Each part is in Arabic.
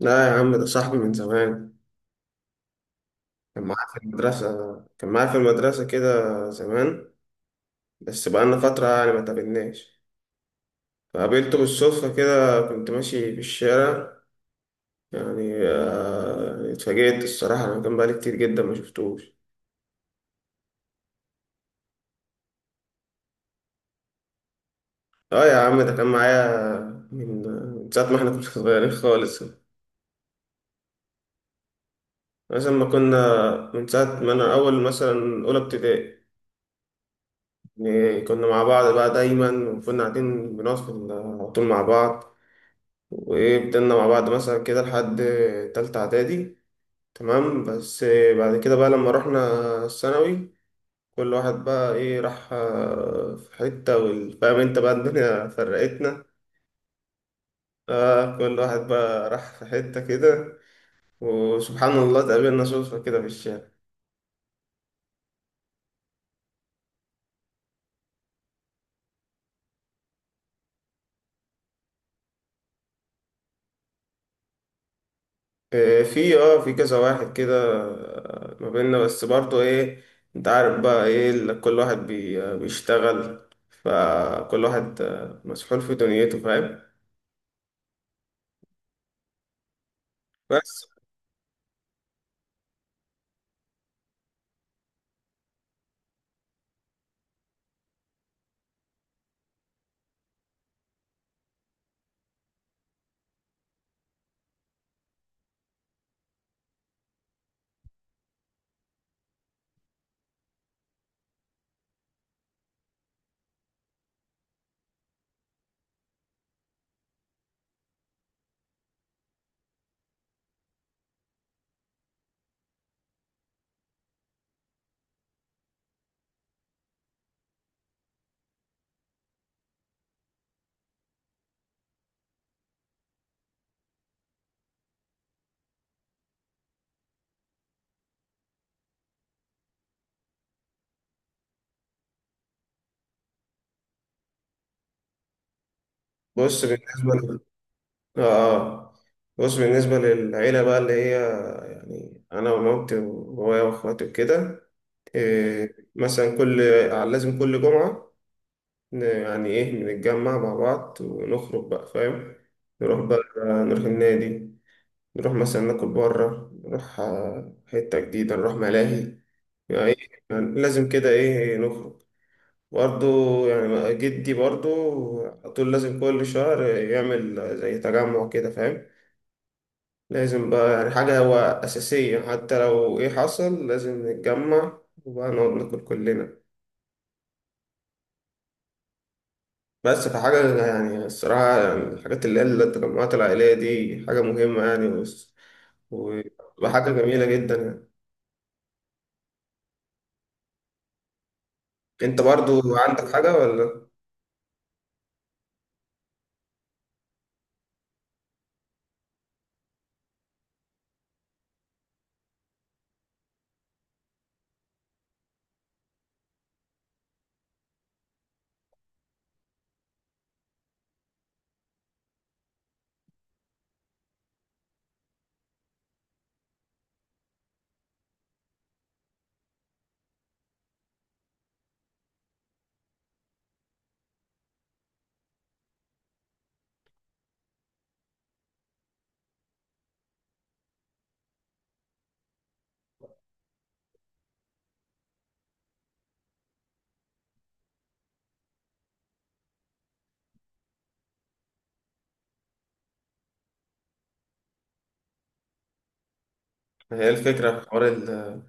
لا يا عم، ده صاحبي من زمان. كان معايا في المدرسة كده زمان. بس بقالنا فترة يعني ما تقابلناش. فقابلته بالصدفة كده، كنت ماشي في الشارع. يعني يعني اتفاجئت الصراحة، أنا كان بقالي كتير جدا ما شفتوش. اه يا عم، ده كان معايا من من ساعة ما احنا كنا صغيرين خالص. مثلا ما كنا من ساعة ما أنا أول مثلا أولى ابتدائي. يعني كنا مع بعض بقى دايما، وكنا قاعدين بنقعد على طول مع بعض. وايه، فضلنا مع بعض مثلا كده لحد تالتة اعدادي. تمام. بس بعد كده بقى لما رحنا الثانوي، كل واحد بقى ايه راح في حتة فاهم انت بقى، الدنيا فرقتنا. اه، كل واحد بقى راح في حتة كده. وسبحان الله اتقابلنا صدفة كده في الشارع. في اه في كذا واحد كده. ما بيننا بس برضه ايه، انت عارف بقى ايه كل واحد بيشتغل، فكل واحد مسحول في دنيته، فاهم. بس بص بالنسبة ل... آه. آه. بص بالنسبة للعيلة بقى اللي هي، يعني أنا ومامتي وبابايا وأخواتي وكده. إيه، مثلا كل لازم كل جمعة يعني إيه نتجمع مع بعض ونخرج بقى فاهم. نروح بقى، نروح النادي، نروح مثلا ناكل بره، نروح حتة جديدة، نروح ملاهي. يعني إيه، يعني لازم كده إيه نخرج. برضه يعني جدي برضه، على طول لازم كل شهر يعمل زي تجمع كده فاهم. لازم بقى يعني حاجة هو أساسية، حتى لو إيه حصل لازم نتجمع، وبقى نقعد ناكل كلنا. بس فحاجة يعني الصراحة، يعني الحاجات اللي هي التجمعات العائلية دي حاجة مهمة يعني، وبتبقى حاجة جميلة جدا يعني. أنت برضو عندك حاجة ولا؟ هي الفكرة في حوار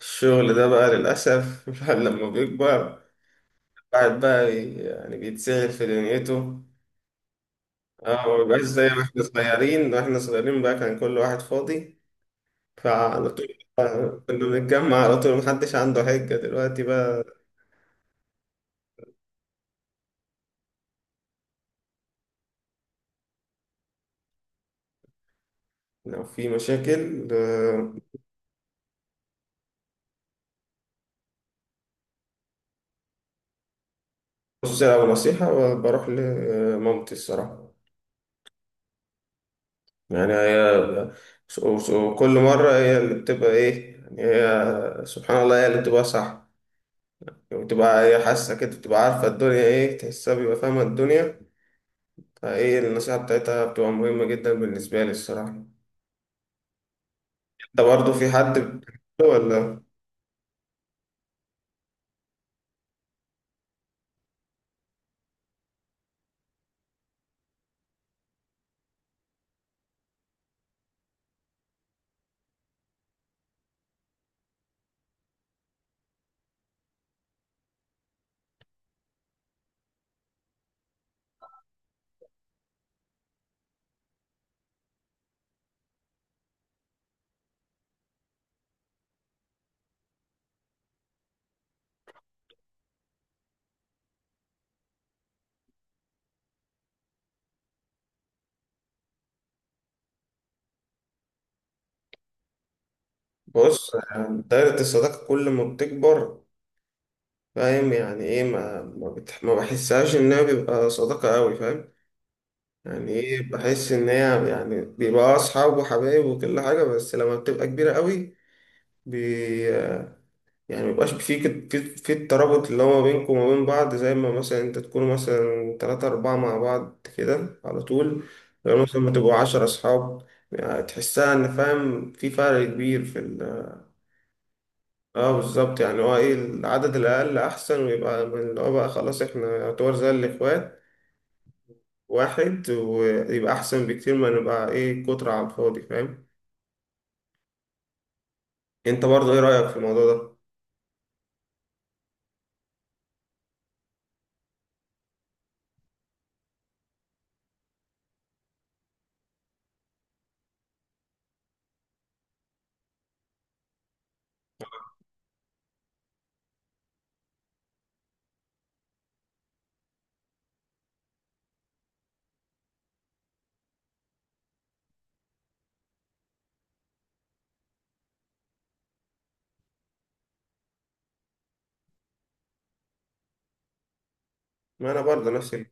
الشغل ده بقى للأسف الواحد لما بيكبر، الواحد بقى يعني بيتسهل في دنيته. اه، ما بيبقاش زي ما احنا صغيرين. واحنا صغيرين بقى كان كل واحد فاضي، فعلى طول كنا بنتجمع على طول، محدش عنده حجة دلوقتي بقى. لو في مشاكل بص، لو نصيحة بروح لمامتي الصراحة. يعني هي، وكل مرة هي اللي بتبقى ايه، يعني هي سبحان الله هي اللي بتبقى صح. بتبقى هي حاسة كده، بتبقى عارفة الدنيا ايه، تحسها بيبقى فاهمة الدنيا. فايه النصيحة بتاعتها بتبقى مهمة جدا بالنسبة لي الصراحة. انت برضه في حد بتحبه ولا؟ بص، يعني دايرة الصداقة كل ما بتكبر فاهم، يعني ايه ما ما, ما بحسهاش انها بيبقى صداقة قوي فاهم. يعني ايه، بحس ان هي يعني بيبقى اصحاب وحبايب وكل حاجة، بس لما بتبقى كبيرة قوي بي... يعني ميبقاش في الترابط اللي هو بينكم وما بين بعض، زي ما مثلا انت تكونوا مثلا تلاتة أربعة مع بعض كده على طول. لو مثلا ما تبقوا 10 أصحاب، يعني تحسها إن فاهم في فرق كبير في ال. اه بالظبط، يعني هو ايه العدد الأقل أحسن، ويبقى من اللي هو بقى خلاص احنا يعتبر زي الإخوات واحد، ويبقى أحسن بكتير ما نبقى ايه كترة على الفاضي فاهم. انت برضه ايه رأيك في الموضوع ده؟ ما أنا برضه نفس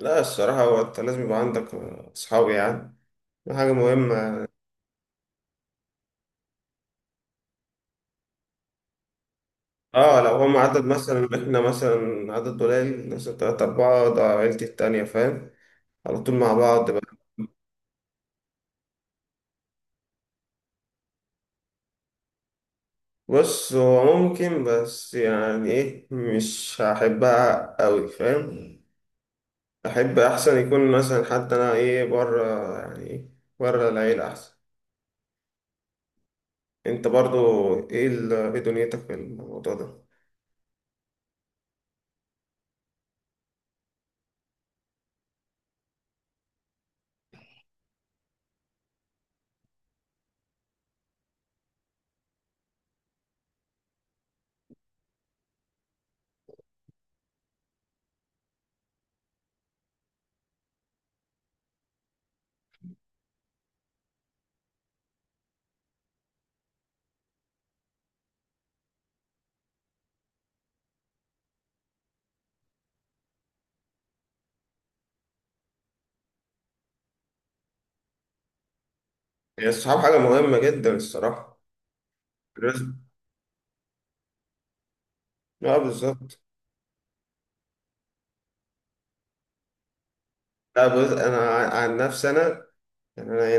لا الصراحة، هو انت لازم يبقى عندك أصحاب يعني، دي حاجة مهمة. اه، لو هم عدد مثلا احنا مثلا عدد قليل مثلا تلاتة أربعة ده عيلتي التانية فاهم، على طول مع بعض بقى. بص، هو ممكن، بس يعني ايه مش هحبها أوي فاهم. أحب أحسن يكون مثلا حتى أنا ايه بره، يعني ايه بره العيلة أحسن. أنت برضو ايه ايه دنيتك في الموضوع ده؟ يعني الصحاب حاجة مهمة جدا الصراحة. لازم. اه بالظبط. لا، بص أنا عن نفسي أنا، يعني أنا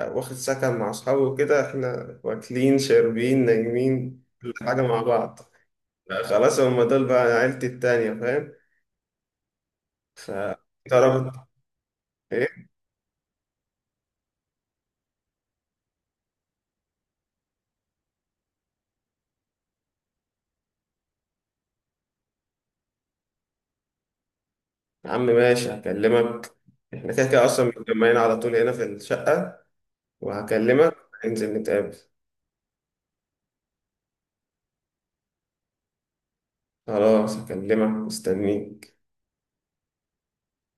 هنا واخد سكن مع أصحابي وكده، إحنا واكلين شاربين نايمين كل حاجة مع بعض. خلاص، هما دول بقى عيلتي التانية فاهم. فقربت. إيه، يا عم ماشي هكلمك. إحنا كده كده أصلا متجمعين على طول هنا في الشقة، وهكلمك، ننزل نتقابل. خلاص، هكلمك مستنيك.